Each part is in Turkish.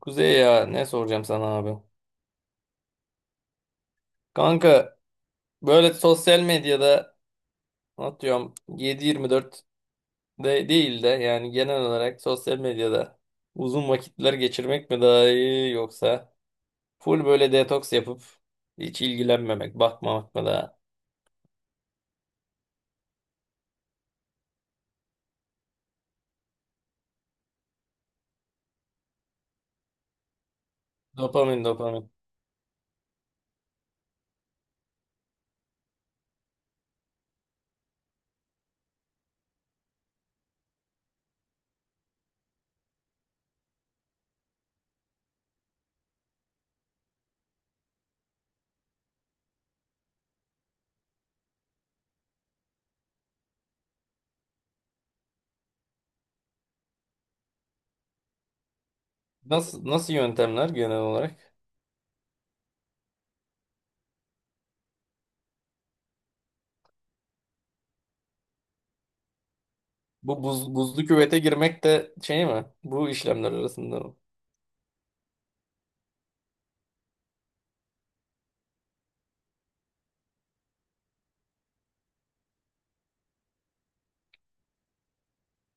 Kuzey ya ne soracağım sana abi? Kanka böyle sosyal medyada atıyorum 7-24 de değil de yani genel olarak sosyal medyada uzun vakitler geçirmek mi daha iyi yoksa full böyle detoks yapıp hiç ilgilenmemek, bakmamak mı daha? Dopamin dopamin. Nasıl nasıl yöntemler genel olarak? Bu buzlu küvete girmek de şey mi? Bu işlemler arasında.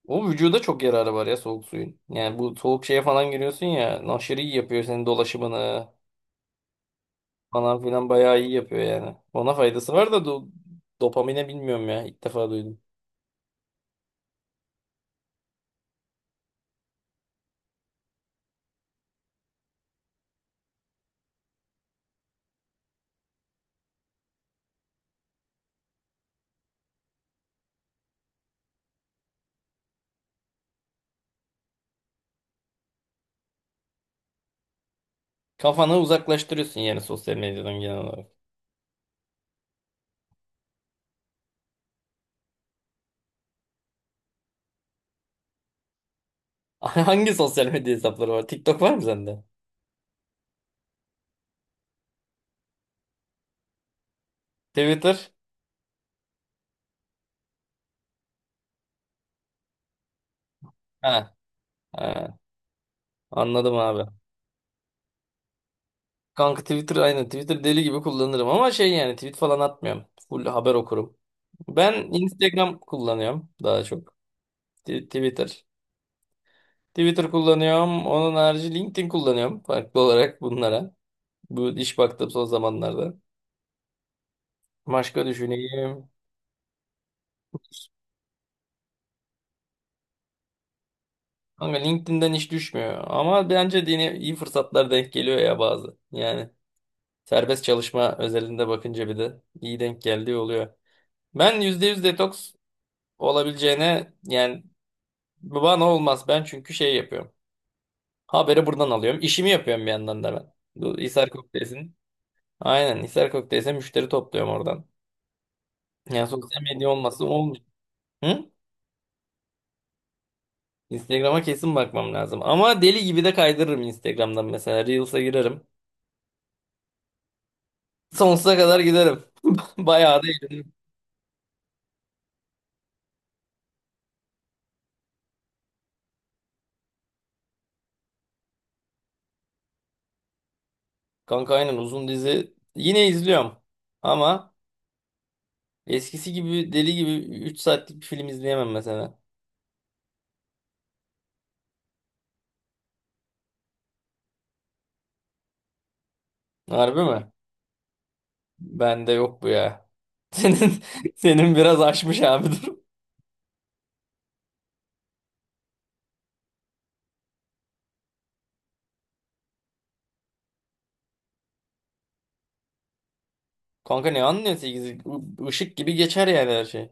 O vücuda çok yararı var ya soğuk suyun. Yani bu soğuk şeye falan giriyorsun ya. Aşırı iyi yapıyor senin dolaşımını falan filan bayağı iyi yapıyor yani. Ona faydası var da dopamine bilmiyorum ya. İlk defa duydum. Kafanı uzaklaştırıyorsun yani sosyal medyadan genel olarak. Hangi sosyal medya hesapları var? TikTok var mı sende? Twitter? Ha. Ha. Anladım abi. Kanka Twitter aynı. Twitter deli gibi kullanırım ama şey yani tweet falan atmıyorum. Full haber okurum. Ben Instagram kullanıyorum daha çok. Twitter. Twitter kullanıyorum. Onun harici LinkedIn kullanıyorum. Farklı olarak bunlara. Bu iş baktım son zamanlarda. Başka düşüneyim. Ama LinkedIn'den iş düşmüyor. Ama bence de yine iyi fırsatlar denk geliyor ya bazı. Yani serbest çalışma özelinde bakınca bir de iyi denk geldiği oluyor. Ben %100 detoks olabileceğine yani bana olmaz. Ben çünkü şey yapıyorum. Haberi buradan alıyorum. İşimi yapıyorum bir yandan da ben. Bu Hisar Kokteys'in. Aynen Hisar Kokteys'e müşteri topluyorum oradan. Yani sosyal medya olmazsa olmuyor. Hı? Instagram'a kesin bakmam lazım. Ama deli gibi de kaydırırım Instagram'dan mesela. Reels'a girerim. Sonsuza kadar giderim. Bayağı da eğlenirim. Kanka aynen uzun dizi. Yine izliyorum. Ama eskisi gibi deli gibi 3 saatlik bir film izleyemem mesela. Harbi mi? Bende yok bu ya. Senin senin biraz aşmış abi dur. Kanka ne anlıyorsun? Işık gibi geçer yani her şey.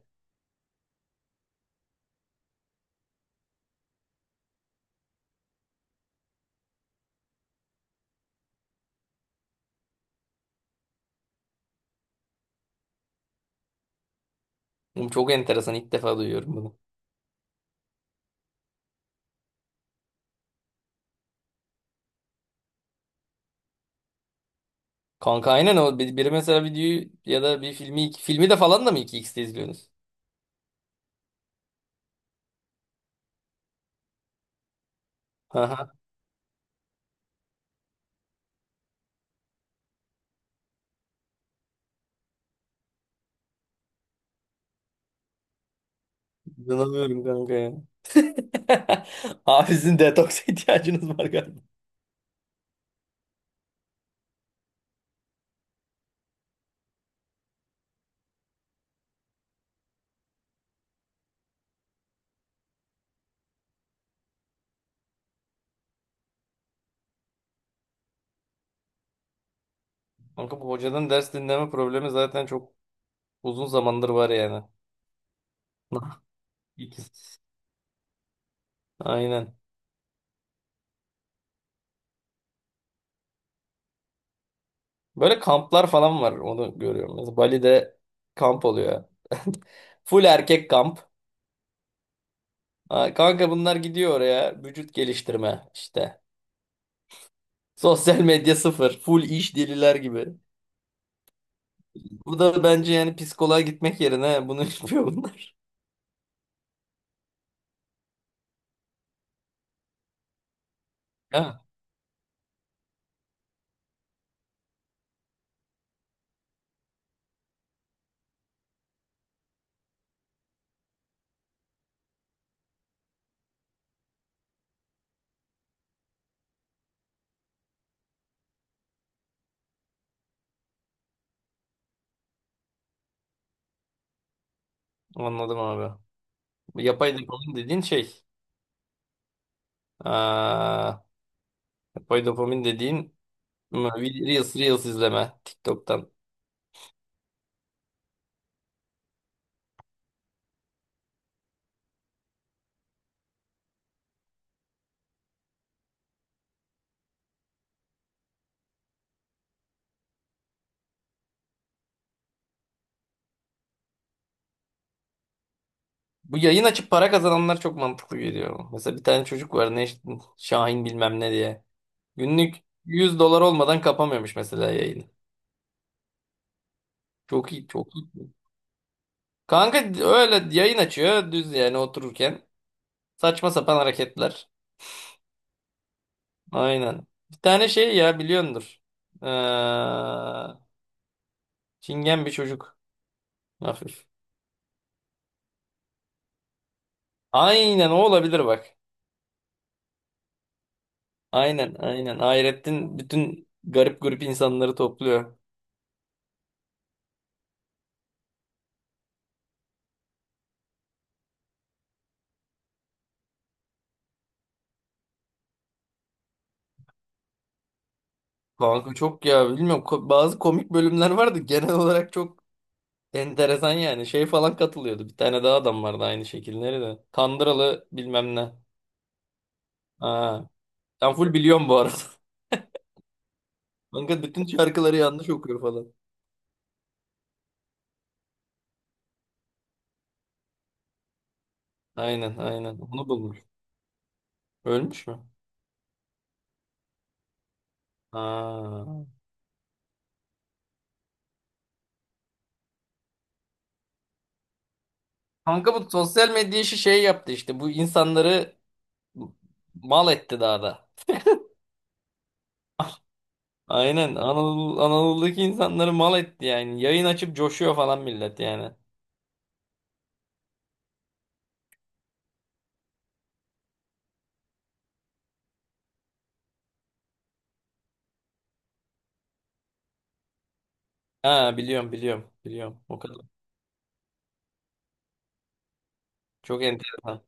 Oğlum, çok enteresan. İlk defa duyuyorum. Kanka aynen o. Biri mesela videoyu ya da bir filmi filmi de falan da mı 2x'te izliyorsunuz? Haha. İnanamıyorum kanka ya. Abi sizin detoks ihtiyacınız var galiba. Kanka bu hocadan ders dinleme problemi zaten çok uzun zamandır var yani. İkisi. Aynen. Böyle kamplar falan var onu görüyorum. Mesela Bali'de kamp oluyor. Full erkek kamp. Ha, kanka bunlar gidiyor oraya vücut geliştirme işte. Sosyal medya sıfır. Full iş deliler gibi. Burada bence yani psikoloğa gitmek yerine bunu yapıyor bunlar. Ha, anladım abi. Bu yapay dopamin dediğin şey. Aa, yapay dopamin dediğin Reels izleme TikTok'tan. Bu yayın açıp para kazananlar çok mantıklı geliyor. Mesela bir tane çocuk var ne işte, Şahin bilmem ne diye. Günlük 100 dolar olmadan kapamıyormuş mesela yayını. Çok iyi, çok iyi. Kanka öyle yayın açıyor düz yani otururken. Saçma sapan hareketler. Aynen. Bir tane şey ya biliyordur. Ee, çingen bir çocuk. Hafif. Aynen o olabilir bak. Aynen, aynen. Hayrettin bütün garip grup insanları topluyor. Kanka çok ya bilmiyorum. Bazı komik bölümler vardı. Genel olarak çok enteresan yani. Şey falan katılıyordu. Bir tane daha adam vardı aynı şekilleri de. Kandıralı bilmem ne. Ha. Ben full biliyorum bu arada. Kanka bütün şarkıları yanlış okuyor falan. Aynen, aynen. Onu bulmuş. Ölmüş mü? Ha. Kanka bu sosyal medya işi şey yaptı işte. Bu insanları mal etti daha da. Aynen Anadolu'daki insanları mal etti yani. Yayın açıp coşuyor falan millet yani. Ha, biliyorum biliyorum biliyorum o kadar. Çok enteresan.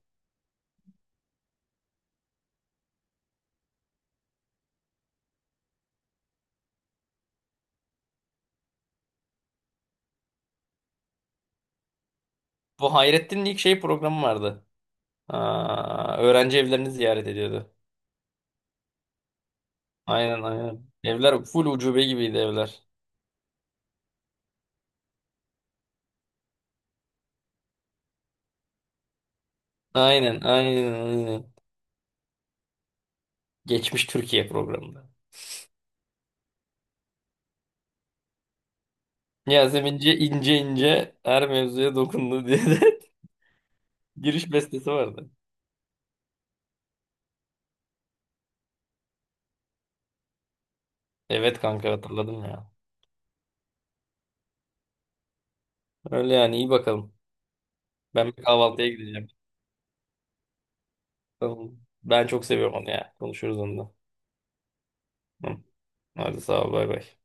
Bu Hayrettin'in ilk şey programı vardı. Aa, öğrenci evlerini ziyaret ediyordu. Aynen, aynen. Evler full ucube gibiydi evler. Aynen, aynen, aynen. Geçmiş Türkiye programında. Yasemince ince ince her mevzuya dokundu diye de. Giriş bestesi vardı. Evet kanka hatırladım ya. Öyle yani, iyi bakalım. Ben bir kahvaltıya gideceğim. Tamam. Ben çok seviyorum onu ya. Konuşuruz onunla. Hı. Hadi sağ ol, bay bay.